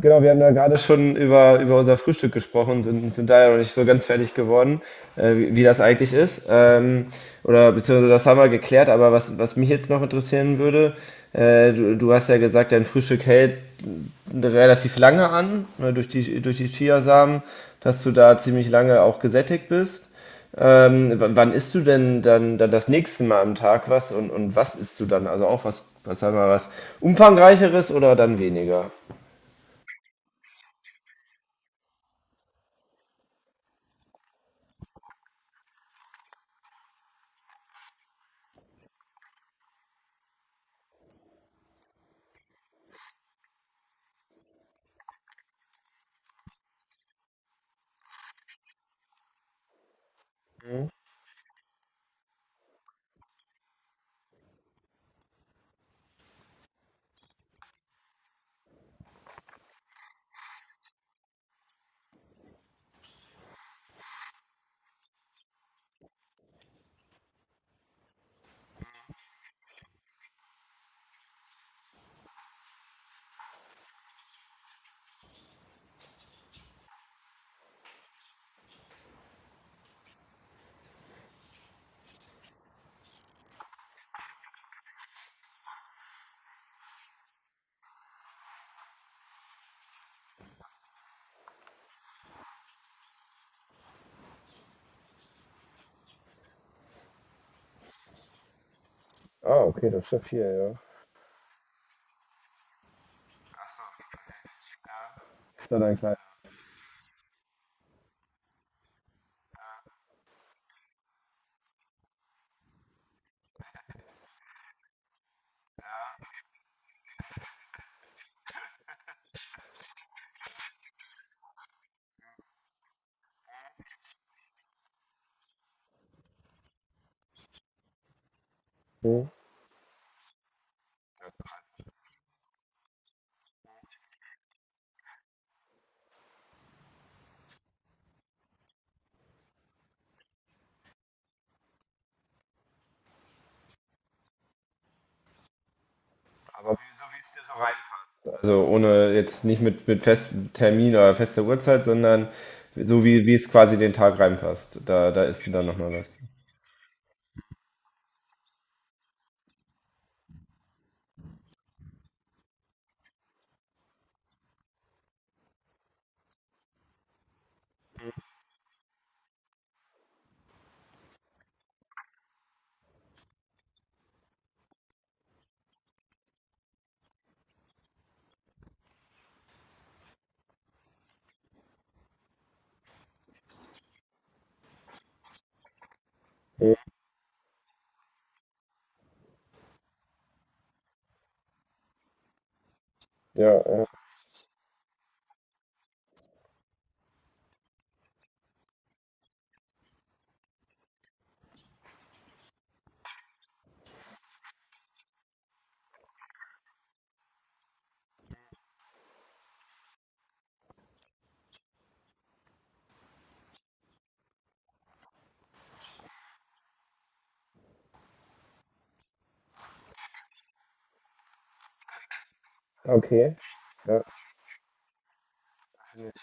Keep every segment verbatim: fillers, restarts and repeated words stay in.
Genau, wir haben ja gerade schon über, über unser Frühstück gesprochen, sind, sind da ja noch nicht so ganz fertig geworden, äh, wie, wie das eigentlich ist. Ähm, oder beziehungsweise das haben wir geklärt, aber was, was mich jetzt noch interessieren würde, äh, du, du hast ja gesagt, dein Frühstück hält relativ lange an, ne, durch die, durch die Chiasamen, dass du da ziemlich lange auch gesättigt bist. Ähm, w- wann isst du denn dann, dann das nächste Mal am Tag was und, und was isst du dann? Also auch was, was sagen wir, was umfangreicheres oder dann weniger? Ah, okay, das ist ja viel, ja. Ist ja dein kleiner. Hm. Aber wie, so wie es dir so reinpasst. Also ohne jetzt nicht mit, mit festem Termin oder fester Uhrzeit, sondern so wie, wie es quasi den Tag reinpasst. Da, da ist dann nochmal was. Hm. Ja, ja. Okay. Ja, definitiv.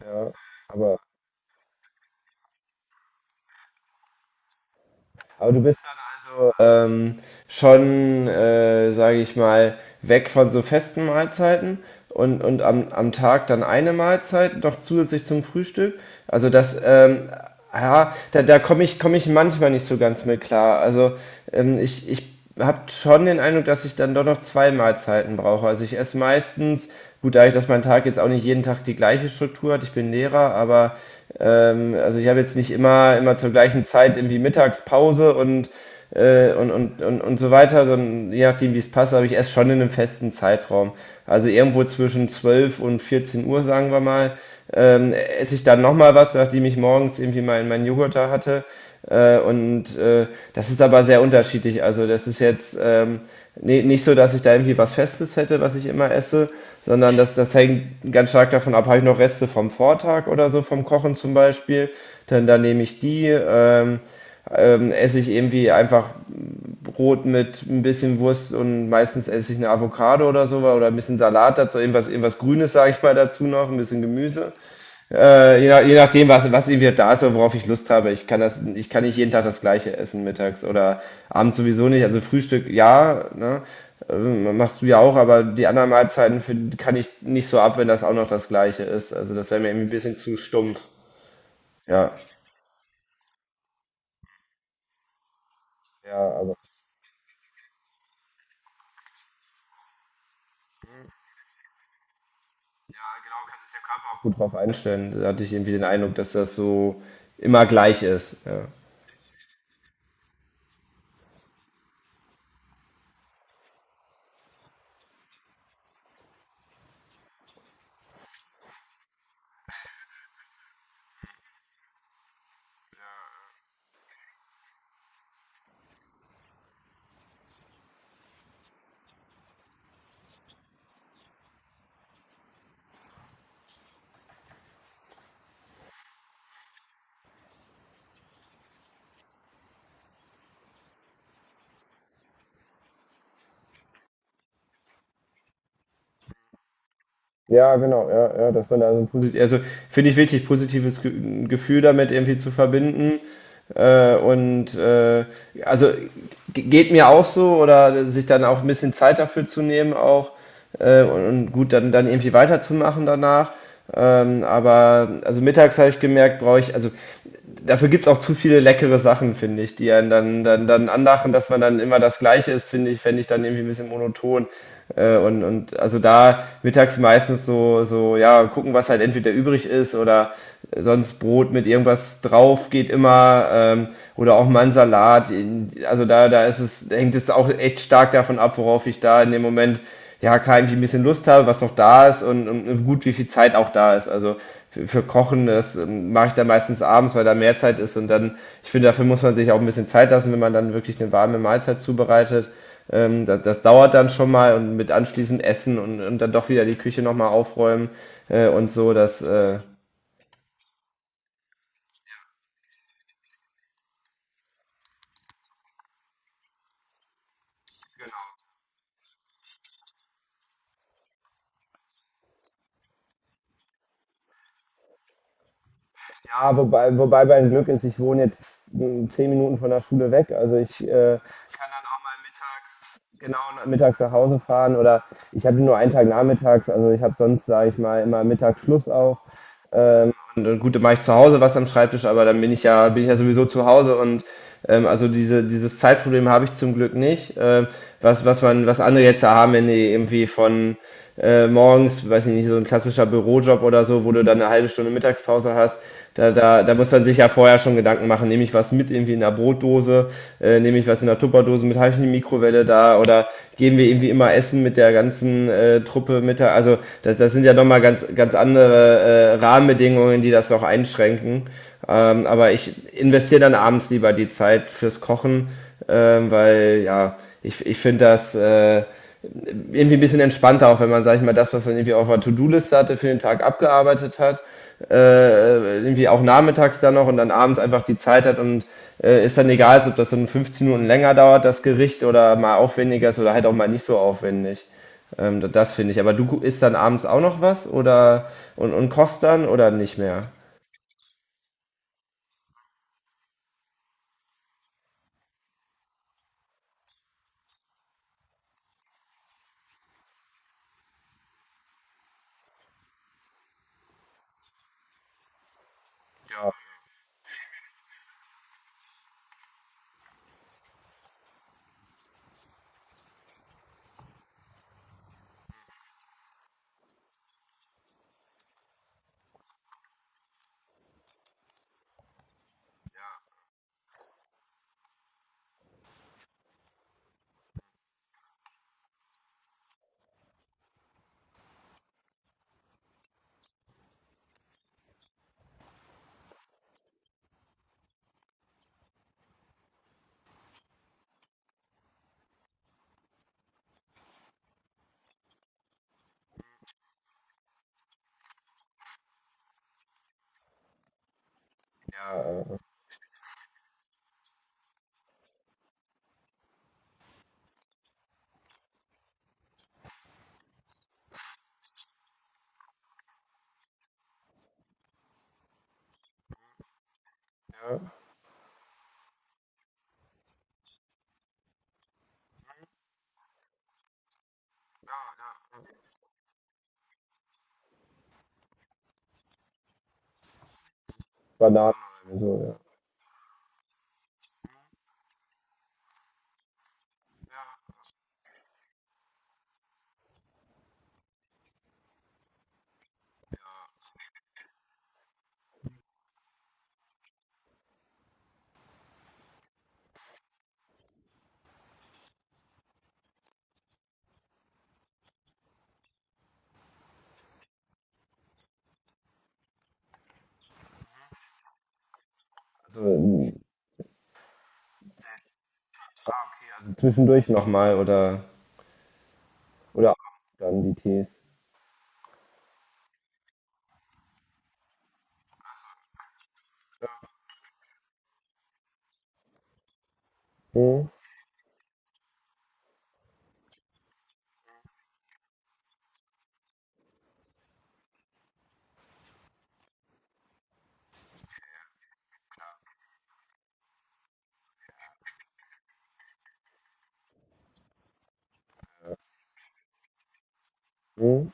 Ja, aber. Aber du bist dann also ähm, schon, äh, sage ich mal, weg von so festen Mahlzeiten und, und am, am Tag dann eine Mahlzeit noch zusätzlich zum Frühstück. Also das, ähm, ja, da, da komme ich, komme ich manchmal nicht so ganz mit klar. Also ähm, ich, ich habe schon den Eindruck, dass ich dann doch noch zwei Mahlzeiten brauche. Also ich esse meistens, gut, dadurch, dass mein Tag jetzt auch nicht jeden Tag die gleiche Struktur hat, ich bin Lehrer, aber ähm, also ich habe jetzt nicht immer, immer zur gleichen Zeit irgendwie Mittagspause und, äh, und, und, und, und so weiter, sondern je nachdem, wie es passt, aber ich esse schon in einem festen Zeitraum. Also irgendwo zwischen zwölf und vierzehn Uhr, sagen wir mal ähm, esse ich dann nochmal was, nachdem ich morgens irgendwie meinen meinen Joghurt da hatte. Äh, und äh, Das ist aber sehr unterschiedlich. Also das ist jetzt ähm, nee, nicht so, dass ich da irgendwie was Festes hätte, was ich immer esse, sondern das, das hängt ganz stark davon ab, habe ich noch Reste vom Vortag oder so, vom Kochen zum Beispiel, dann, dann nehme ich die. Ähm, ähm, esse ich irgendwie einfach Brot mit ein bisschen Wurst und meistens esse ich eine Avocado oder so oder ein bisschen Salat dazu, irgendwas, irgendwas Grünes, sage ich mal, dazu noch, ein bisschen Gemüse. Äh, je, nach, je nachdem, was, was irgendwie da ist oder worauf ich Lust habe. Ich kann das, ich kann nicht jeden Tag das Gleiche essen mittags oder abends sowieso nicht. Also Frühstück, ja, ne? Ähm, Machst du ja auch, aber die anderen Mahlzeiten find, kann ich nicht so ab, wenn das auch noch das Gleiche ist. Also das wäre mir irgendwie ein bisschen zu stumpf. Ja, ja, aber ja, genau, kann sich der Körper auch gut drauf einstellen. Da hatte ich irgendwie den Eindruck, dass das so immer gleich ist. Ja. Positiv, also finde ich wichtig, positives Ge Gefühl damit irgendwie zu verbinden. Äh, und äh, also Ge- geht mir auch so oder sich dann auch ein bisschen Zeit dafür zu nehmen auch äh, und, und gut dann dann irgendwie weiterzumachen danach. Ähm, aber also mittags habe ich gemerkt, brauche ich also dafür gibt's auch zu viele leckere Sachen, finde ich, die einen dann, dann, dann anlachen, dass man dann immer das Gleiche ist, finde ich, fände ich dann irgendwie ein bisschen monoton. Äh, und, und also da mittags meistens so, so, ja, gucken, was halt entweder übrig ist oder sonst Brot mit irgendwas drauf geht immer ähm, oder auch mal ein Salat. Also da, da ist es, hängt es auch echt stark davon ab, worauf ich da in dem Moment ja klar irgendwie ein bisschen Lust habe, was noch da ist und, und gut, wie viel Zeit auch da ist. Also für, für Kochen, das ähm, mache ich dann meistens abends, weil da mehr Zeit ist und dann, ich finde, dafür muss man sich auch ein bisschen Zeit lassen, wenn man dann wirklich eine warme Mahlzeit zubereitet. Ähm, das, das dauert dann schon mal und mit anschließend Essen und, und dann doch wieder die Küche nochmal aufräumen äh, und so, das, äh, wohne jetzt mh, zehn Minuten von der Schule weg, also ich äh, kann dann auch mal mittags, genau mittags nach Hause fahren oder ich habe nur einen Tag nachmittags, also ich habe sonst, sage ich mal, immer Mittagsschluss auch. Ähm, und, und gut, dann mache ich zu Hause was am Schreibtisch, aber dann bin ich ja, bin ich ja sowieso zu Hause und ähm, also diese, dieses Zeitproblem habe ich zum Glück nicht. Ähm, was, was man, was andere jetzt ja haben, wenn die irgendwie von äh, morgens, weiß ich nicht, so ein klassischer Bürojob oder so, wo du dann eine halbe Stunde Mittagspause hast, da, da, da muss man sich ja vorher schon Gedanken machen, nehme ich was mit irgendwie in der Brotdose Brotdose, äh, nehme ich was in der Tupperdose mit, habe ich eine Mikrowelle da oder gehen wir irgendwie immer essen mit der ganzen äh, Truppe mit der, also das, das sind ja nochmal ganz, ganz andere äh, Rahmenbedingungen, die das noch einschränken. Ähm, aber ich investiere dann abends lieber die Zeit fürs Kochen, ähm, weil ja, ich, ich finde das, äh, irgendwie ein bisschen entspannter, auch wenn man, sag ich mal, das, was man irgendwie auf der To-Do-Liste hatte, für den Tag abgearbeitet hat, äh, irgendwie auch nachmittags dann noch und dann abends einfach die Zeit hat und äh, ist dann egal, ob das dann fünfzehn Minuten länger dauert, das Gericht oder mal aufwendiger ist oder halt auch mal nicht so aufwendig. Ähm, da- das finde ich. Aber du isst dann abends auch noch was oder und, und kochst dann oder nicht mehr? Ja, also, ja. also, also zwischendurch nochmal oder, oder abends dann die Tees. Hm? Hm?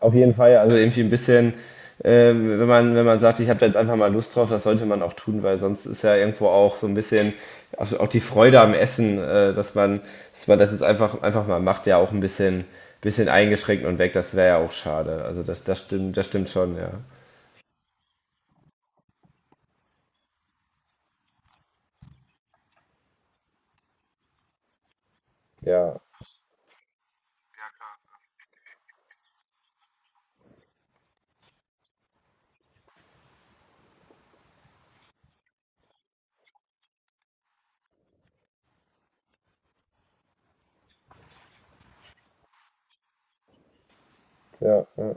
Auf jeden Fall, also irgendwie ein bisschen, ähm, wenn man, wenn man sagt, ich habe da jetzt einfach mal Lust drauf, das sollte man auch tun, weil sonst ist ja irgendwo auch so ein bisschen auch, auch die Freude am Essen, äh, dass man, dass man das jetzt einfach, einfach mal macht, ja auch ein bisschen, bisschen eingeschränkt und weg, das wäre ja auch schade. Also das, das stimmt, das stimmt schon, ja. Ja, ja, ja,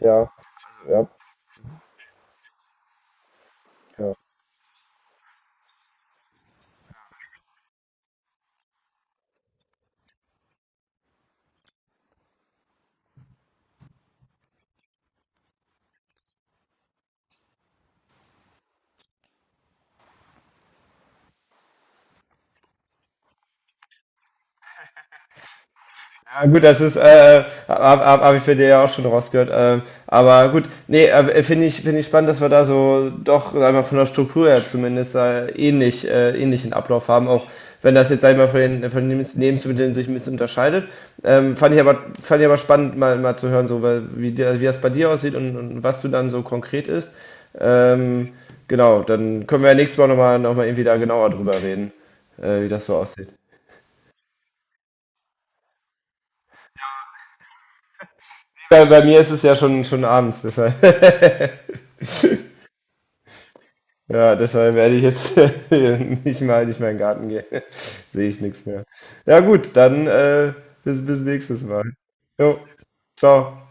ja, ja. Ja. Ja, gut, das ist, äh, habe hab, hab ich bei dir ja auch schon rausgehört. Ähm, aber gut, nee, äh, finde ich, finde ich spannend, dass wir da so doch, sag ich mal, von der Struktur her zumindest äh, ähnlich, äh, ähnlichen Ablauf haben, auch wenn das jetzt, sag ich mal, von den, von den Lebensmitteln sich ein bisschen unterscheidet. Ähm, fand ich aber, fand ich aber spannend, mal, mal zu hören, so, weil, wie, der- wie das bei dir aussieht und, und was du dann so konkret isst. Ähm, genau, dann können wir ja nächstes Mal nochmal, noch mal noch mal irgendwie da genauer drüber reden, äh, wie das so aussieht. Bei, bei mir ist es ja schon, schon abends, deshalb. Ja, deshalb werde ich jetzt nicht mal, nicht mal in den Garten gehen. Sehe ich nichts mehr. Ja gut, dann äh, bis, bis nächstes Mal. Jo, ciao.